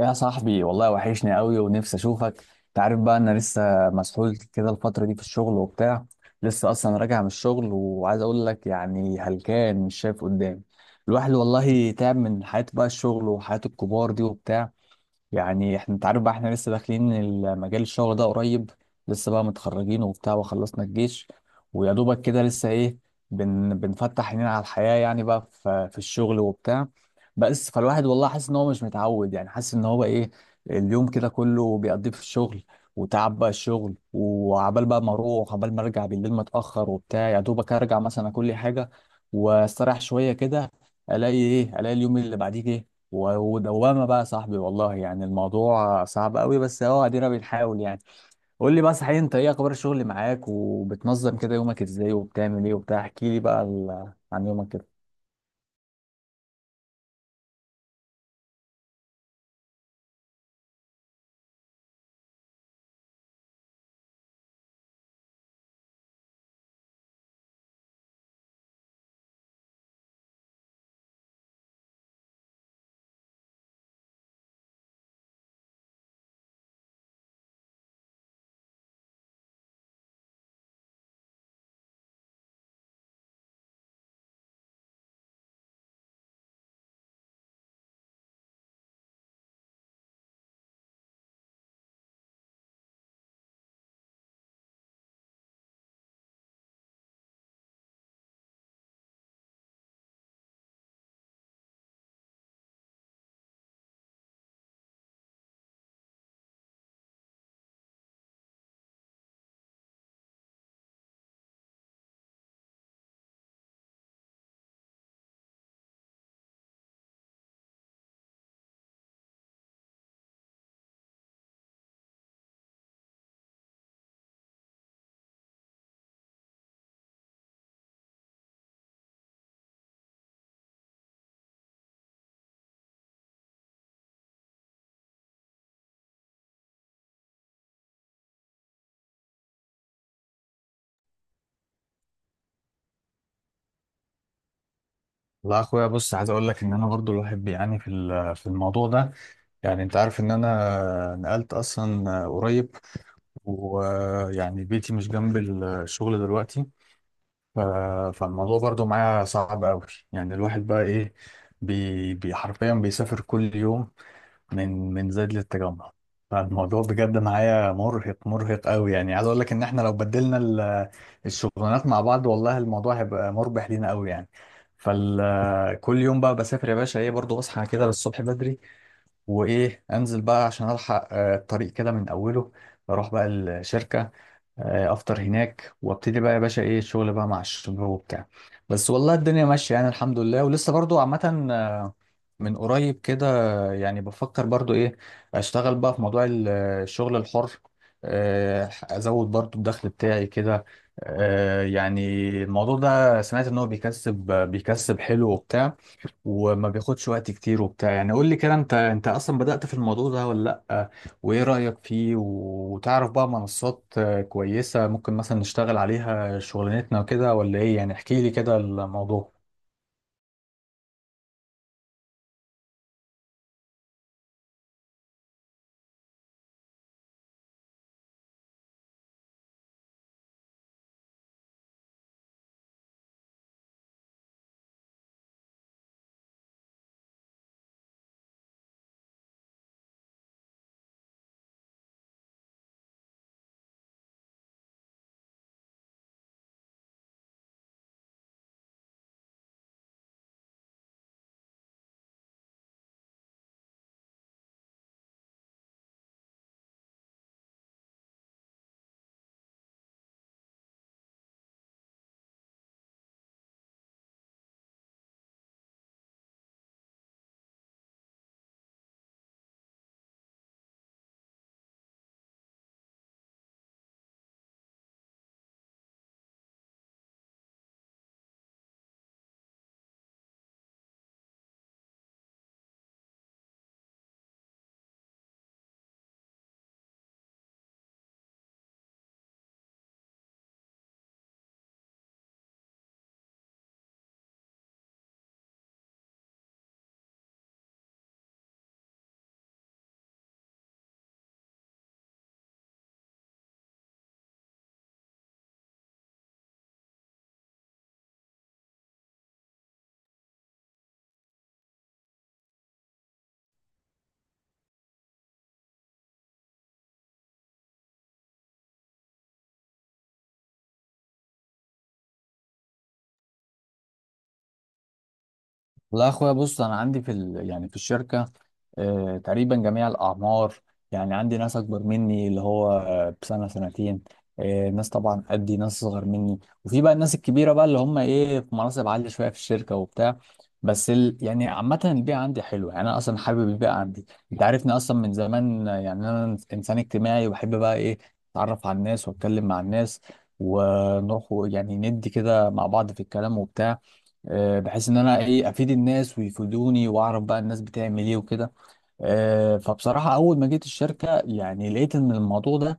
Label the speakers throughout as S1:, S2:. S1: يا صاحبي والله وحشني قوي ونفسي اشوفك. تعرف بقى انا لسه مسحول كده الفتره دي في الشغل وبتاع. لسه اصلا راجع من الشغل وعايز اقول لك يعني هلكان مش شايف قدامي. الواحد والله تعب من حياته بقى، الشغل وحياة الكبار دي وبتاع. يعني احنا، انت عارف بقى، احنا لسه داخلين المجال الشغل ده قريب. لسه بقى متخرجين وبتاع وخلصنا الجيش ويا دوبك كده لسه ايه، بنفتح عينينا على الحياة يعني بقى في الشغل وبتاع. بس فالواحد والله حاسس ان هو مش متعود، يعني حاسس ان هو ايه، اليوم كده كله بيقضيه في الشغل وتعب بقى الشغل، وعبال بقى ما اروح عبال ما ارجع بالليل متأخر وبتاع. يا دوبك ارجع مثلا كل حاجة واستريح شوية كده، الاقي ايه، الاقي اليوم اللي بعديه جه و- ودوامه بقى. يا صاحبي والله يعني الموضوع صعب قوي، بس اهو ادينا بنحاول يعني. قول لي بقى، صحيح انت ايه اخبار الشغل معاك، وبتنظم كده يومك ازاي، وبتعمل ايه وبتاع؟ احكي لي بقى عن يومك كده. والله يا اخويا بص، عايز اقول لك ان انا برضو الواحد بيعاني في في الموضوع ده. يعني انت عارف ان انا نقلت اصلا قريب، ويعني بيتي مش جنب الشغل دلوقتي. ف- فالموضوع برضو معايا صعب قوي. يعني الواحد بقى ايه، حرفيا بيسافر كل يوم، من زايد للتجمع. فالموضوع بجد معايا مرهق مرهق قوي. يعني عايز اقول لك ان احنا لو بدلنا الشغلانات مع بعض والله الموضوع هيبقى مربح لينا قوي يعني. فكل يوم بقى بسافر يا باشا ايه، برضو اصحى كده للصبح بدري، وايه انزل بقى عشان الحق الطريق كده من اوله. بروح بقى الشركة، افطر هناك وابتدي بقى يا باشا ايه الشغل بقى مع الشباب وبتاع. بس والله الدنيا ماشيه يعني الحمد لله، ولسه برضو عامه من قريب كده يعني بفكر برضو ايه، اشتغل بقى في موضوع الشغل الحر. ازود برضو الدخل بتاعي كده. يعني الموضوع ده سمعت ان هو بيكسب، بيكسب حلو وبتاع، وما بياخدش وقت كتير وبتاع. يعني قول لي كده، انت انت اصلا بدأت في الموضوع ده ولا لأ؟ وايه رأيك فيه؟ وتعرف بقى منصات كويسة ممكن مثلا نشتغل عليها شغلانتنا وكده ولا ايه؟ يعني احكي لي كده الموضوع. والله يا اخويا بص، انا عندي في يعني في الشركه آه تقريبا جميع الاعمار. يعني عندي ناس اكبر مني اللي هو بسنه سنتين، آه، ناس طبعا قدي، ناس صغر مني، وفي بقى الناس الكبيره بقى اللي هم ايه في مناصب عاليه شويه في الشركه وبتاع. بس يعني عامه البيئه عندي حلوه. يعني انا اصلا حابب البيئه عندي. انت عارفني اصلا من زمان، يعني انا انسان اجتماعي وبحب بقى ايه، اتعرف على الناس واتكلم مع الناس ونروح يعني ندي كده مع بعض في الكلام وبتاع. بحيث ان انا ايه، افيد الناس ويفيدوني واعرف بقى الناس بتعمل ايه وكده. فبصراحة أول ما جيت الشركة يعني لقيت إن الموضوع ده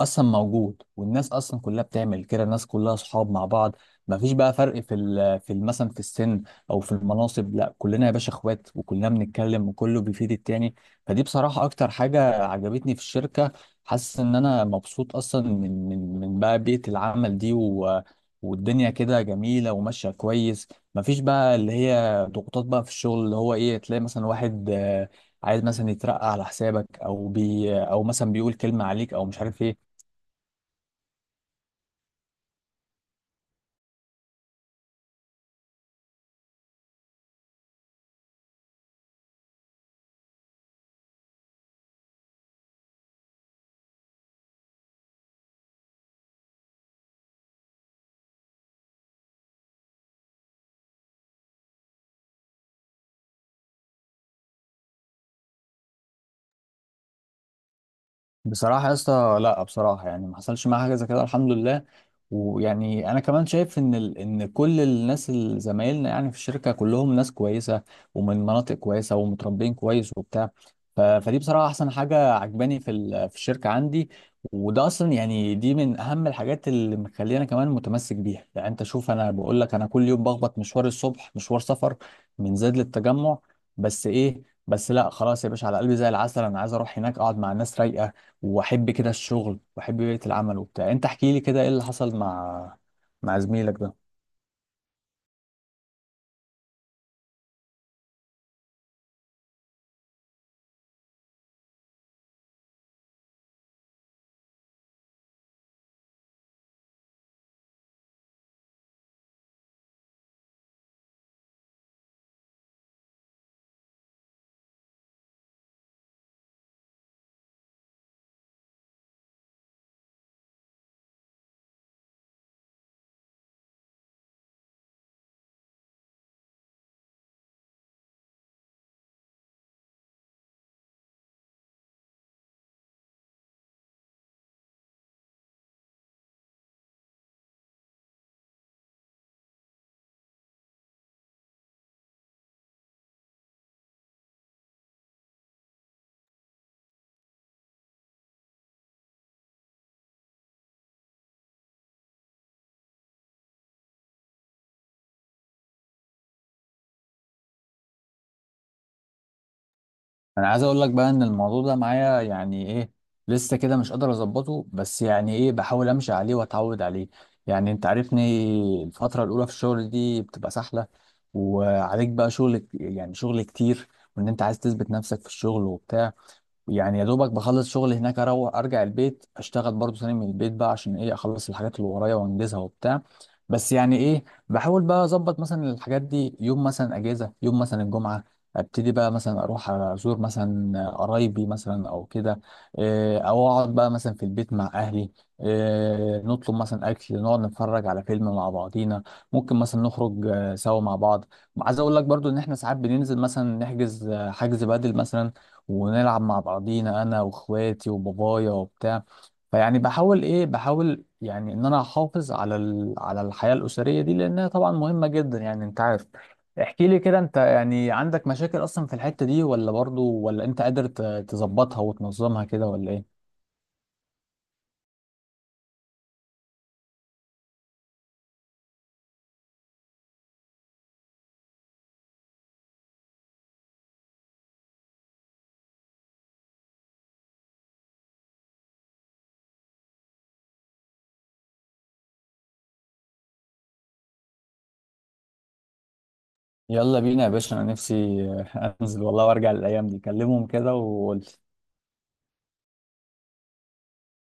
S1: أصلا موجود، والناس أصلا كلها بتعمل كده. الناس كلها أصحاب مع بعض، مفيش بقى فرق في مثلا في السن أو في المناصب. لا، كلنا يا باشا إخوات، وكلنا بنتكلم، وكله بيفيد التاني. فدي بصراحة أكتر حاجة عجبتني في الشركة. حاسس إن أنا مبسوط أصلا من بقى بيئة العمل دي، و والدنيا كده جميلة وماشية كويس. مفيش بقى اللي هي ضغوطات بقى في الشغل، اللي هو ايه، تلاقي مثلا واحد عايز مثلا يترقى على حسابك، او مثلا بيقول كلمه عليك او مش عارف ايه. بصراحة يا اسطى لا، بصراحة يعني ما حصلش معايا حاجة زي كده الحمد لله. ويعني أنا كمان شايف إن إن كل الناس اللي زمايلنا يعني في الشركة كلهم ناس كويسة، ومن مناطق كويسة ومتربين كويس وبتاع. فدي بصراحة أحسن حاجة عجباني في في الشركة عندي. وده أصلا يعني دي من أهم الحاجات اللي مخلينا كمان متمسك بيها. يعني أنت شوف، أنا بقول لك أنا كل يوم بخبط مشوار الصبح، مشوار سفر من زايد للتجمع. بس إيه، بس لا خلاص يا باشا على قلبي زي العسل. انا عايز اروح هناك اقعد مع ناس رايقه، واحب كده الشغل، واحب بيئة العمل وبتاع. انت احكي لي كده ايه اللي حصل مع مع زميلك ده. انا عايز اقول لك بقى ان الموضوع ده معايا يعني ايه، لسه كده مش قادر اظبطه، بس يعني ايه، بحاول امشي عليه واتعود عليه. يعني انت عارفني، الفترة الاولى في الشغل دي بتبقى سهلة، وعليك بقى شغل، يعني شغل كتير، وان انت عايز تثبت نفسك في الشغل وبتاع. يعني يا دوبك بخلص شغل هناك اروح ارجع البيت اشتغل برضو تاني من البيت بقى عشان ايه اخلص الحاجات اللي ورايا وانجزها وبتاع. بس يعني ايه، بحاول بقى اظبط مثلا الحاجات دي. يوم مثلا اجازه، يوم مثلا الجمعه، ابتدي بقى مثلا اروح ازور مثلا قرايبي مثلا او كده، إيه، او اقعد بقى مثلا في البيت مع اهلي، إيه، نطلب مثلا اكل، نقعد نتفرج على فيلم مع بعضينا. ممكن مثلا نخرج سوا مع بعض. عايز اقول لك برضو ان احنا ساعات بننزل مثلا نحجز حجز بدل مثلا، ونلعب مع بعضينا انا واخواتي وبابايا وبتاع. فيعني بحاول ايه، بحاول يعني ان انا احافظ على على الحياة الأسرية دي لانها طبعا مهمة جدا يعني انت عارف. احكي لي كده، انت يعني عندك مشاكل اصلا في الحتة دي، ولا برضو ولا انت قادر تظبطها وتنظمها كده، ولا ايه؟ يلا بينا يا باشا، انا نفسي انزل والله وارجع للايام دي. كلمهم كده.